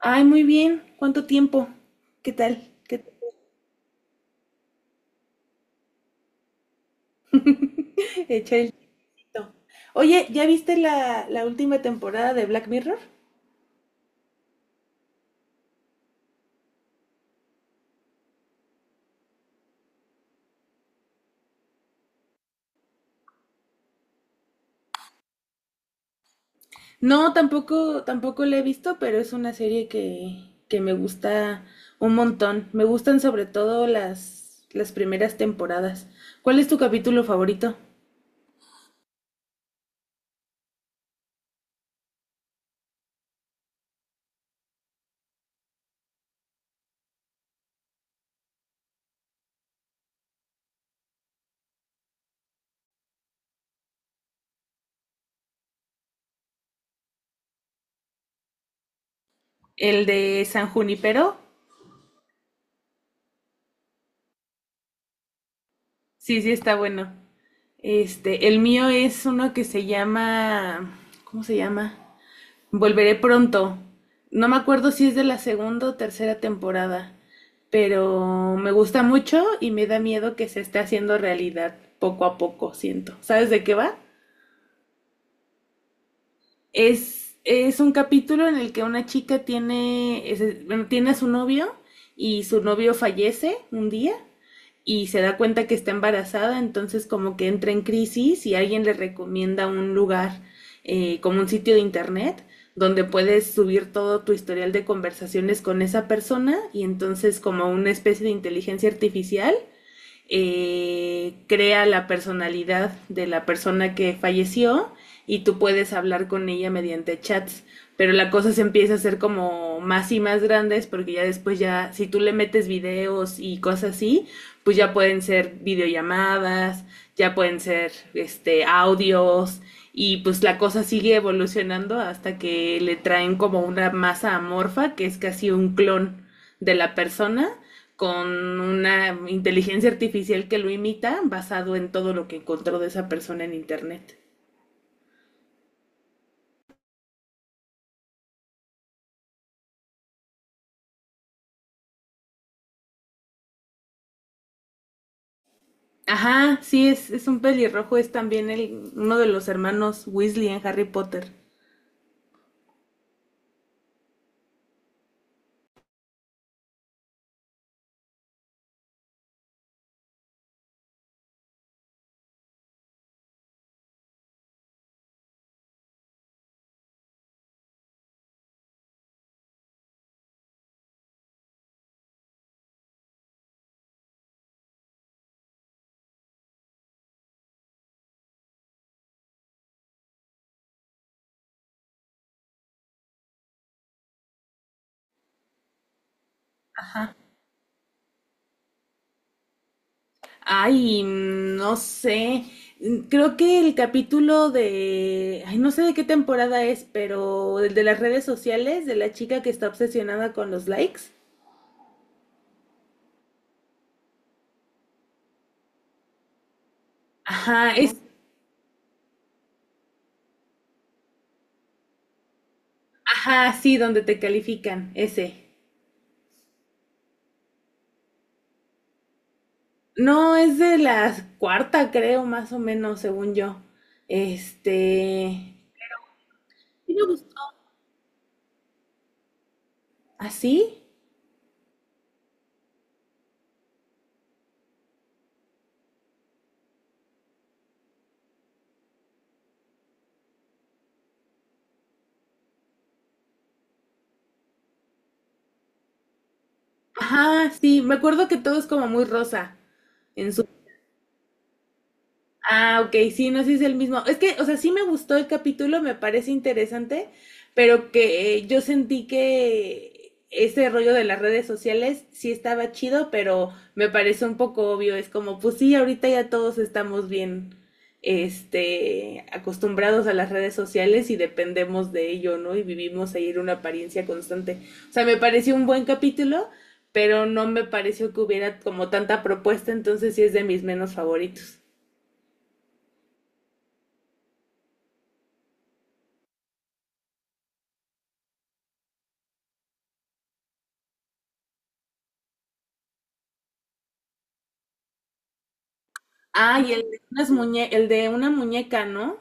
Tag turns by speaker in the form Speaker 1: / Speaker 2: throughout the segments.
Speaker 1: Ay, muy bien. ¿Cuánto tiempo? ¿Qué tal? ¿Qué tal? Echar el chito. Oye, ¿ya viste la última temporada de Black Mirror? No, tampoco la he visto, pero es una serie que me gusta un montón. Me gustan sobre todo las primeras temporadas. ¿Cuál es tu capítulo favorito? El de San Junipero. Sí, sí, está bueno. Este, el mío es uno que se llama, ¿cómo se llama? Volveré pronto. No me acuerdo si es de la segunda o tercera temporada, pero me gusta mucho y me da miedo que se esté haciendo realidad poco a poco, siento. ¿Sabes de qué va? Es un capítulo en el que una chica tiene, bueno, tiene a su novio y su novio fallece un día y se da cuenta que está embarazada, entonces como que entra en crisis y alguien le recomienda un lugar como un sitio de internet donde puedes subir todo tu historial de conversaciones con esa persona y entonces como una especie de inteligencia artificial crea la personalidad de la persona que falleció y tú puedes hablar con ella mediante chats. Pero la cosa se empieza a hacer como más y más grandes porque ya después ya, si tú le metes videos y cosas así, pues ya pueden ser videollamadas, ya pueden ser este audios, y pues la cosa sigue evolucionando hasta que le traen como una masa amorfa que es casi un clon de la persona con una inteligencia artificial que lo imita basado en todo lo que encontró de esa persona en internet. Ajá, sí, es un pelirrojo, es también el, uno de los hermanos Weasley en Harry Potter. Ajá. Ay, no sé. Creo que el capítulo de, ay, no sé de qué temporada es, pero el de las redes sociales, de la chica que está obsesionada con los likes. Ajá, es, ajá, sí, donde te califican, ese. No, es de la cuarta, creo, más o menos, según yo. Este, sí me gustó. ¿Así? Ajá, sí, me acuerdo que todo es como muy rosa en su... Ah, ok, sí, no sé si es el mismo. Es que, o sea, sí me gustó el capítulo, me parece interesante, pero que yo sentí que ese rollo de las redes sociales sí estaba chido, pero me parece un poco obvio. Es como, pues sí, ahorita ya todos estamos bien, este, acostumbrados a las redes sociales y dependemos de ello, ¿no? Y vivimos ahí en una apariencia constante. O sea, me pareció un buen capítulo, pero no me pareció que hubiera como tanta propuesta, entonces sí es de mis menos favoritos. Ay, el de el de una muñeca, ¿no?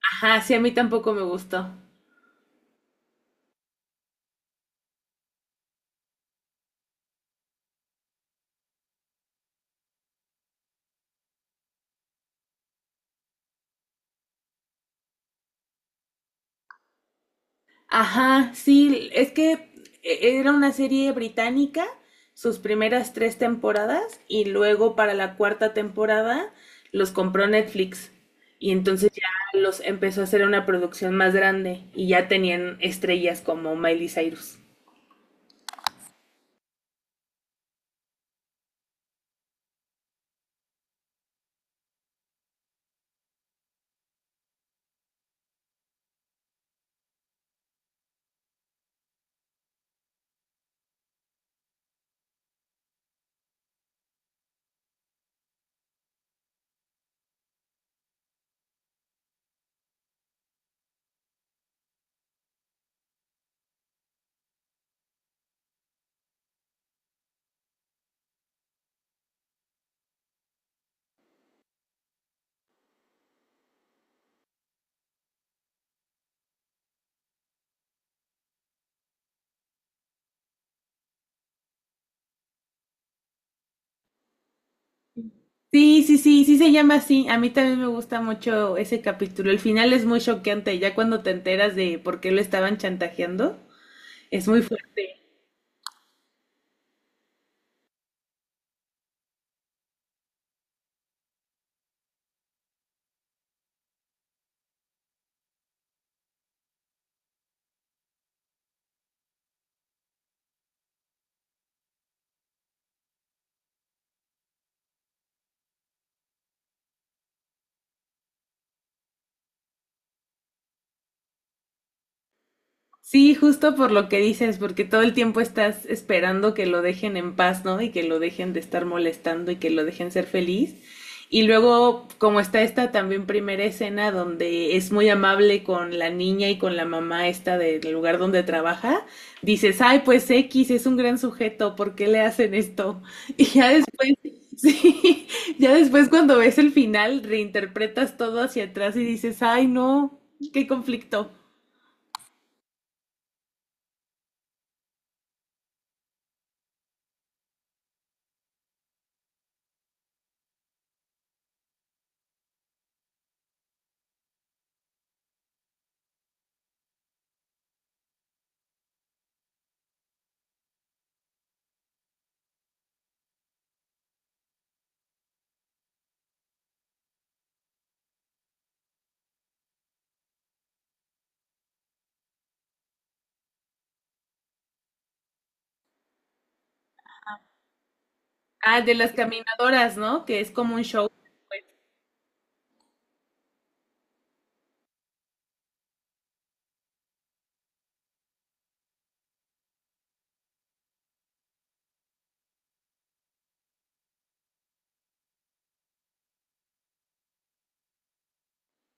Speaker 1: Ajá, sí, a mí tampoco me gustó. Ajá, sí, es que era una serie británica, sus primeras tres temporadas, y luego para la cuarta temporada los compró Netflix. Y entonces ya los empezó a hacer una producción más grande y ya tenían estrellas como Miley Cyrus. Sí, sí, sí, sí se llama así. A mí también me gusta mucho ese capítulo. El final es muy choqueante, ya cuando te enteras de por qué lo estaban chantajeando, es muy fuerte. Sí, justo por lo que dices, porque todo el tiempo estás esperando que lo dejen en paz, ¿no? Y que lo dejen de estar molestando y que lo dejen ser feliz. Y luego, como está esta también primera escena donde es muy amable con la niña y con la mamá esta del lugar donde trabaja, dices, ay, pues X es un gran sujeto, ¿por qué le hacen esto? Y ya después, sí, ya después cuando ves el final, reinterpretas todo hacia atrás y dices, ay, no, qué conflicto. Ah, de las caminadoras, ¿no? Que es como un show. Pues,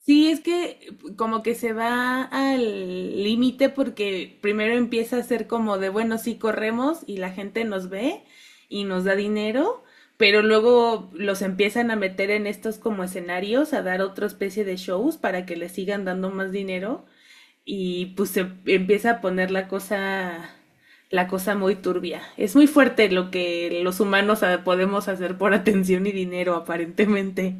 Speaker 1: sí, es que como que se va al límite porque primero empieza a ser como de, bueno, sí corremos y la gente nos ve y nos da dinero, pero luego los empiezan a meter en estos como escenarios, a dar otra especie de shows para que les sigan dando más dinero y pues se empieza a poner la cosa muy turbia. Es muy fuerte lo que los humanos podemos hacer por atención y dinero, aparentemente.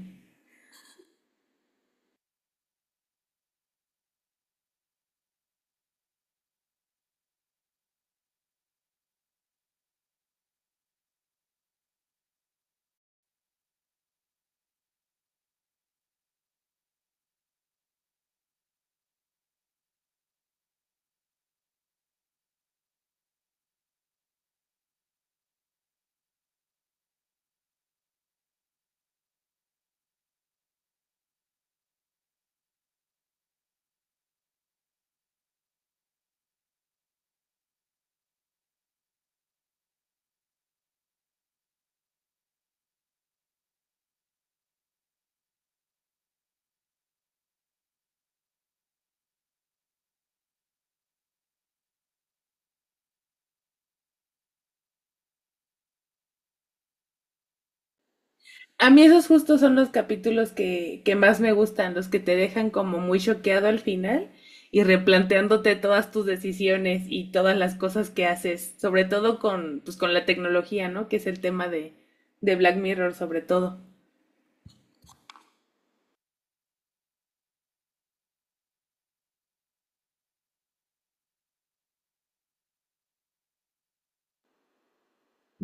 Speaker 1: A mí esos justos son los capítulos que más me gustan, los que te dejan como muy choqueado al final y replanteándote todas tus decisiones y todas las cosas que haces, sobre todo con, pues, con la tecnología, ¿no? Que es el tema de Black Mirror, sobre todo.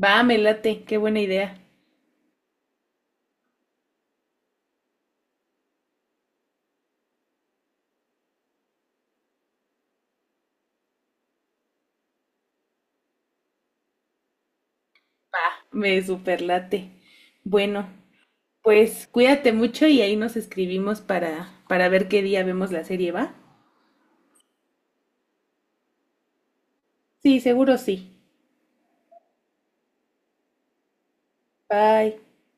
Speaker 1: Va, me late, qué buena idea. Va, me superlate. Bueno, pues cuídate mucho y ahí nos escribimos para ver qué día vemos la serie, ¿va? Sí, seguro sí. Bye.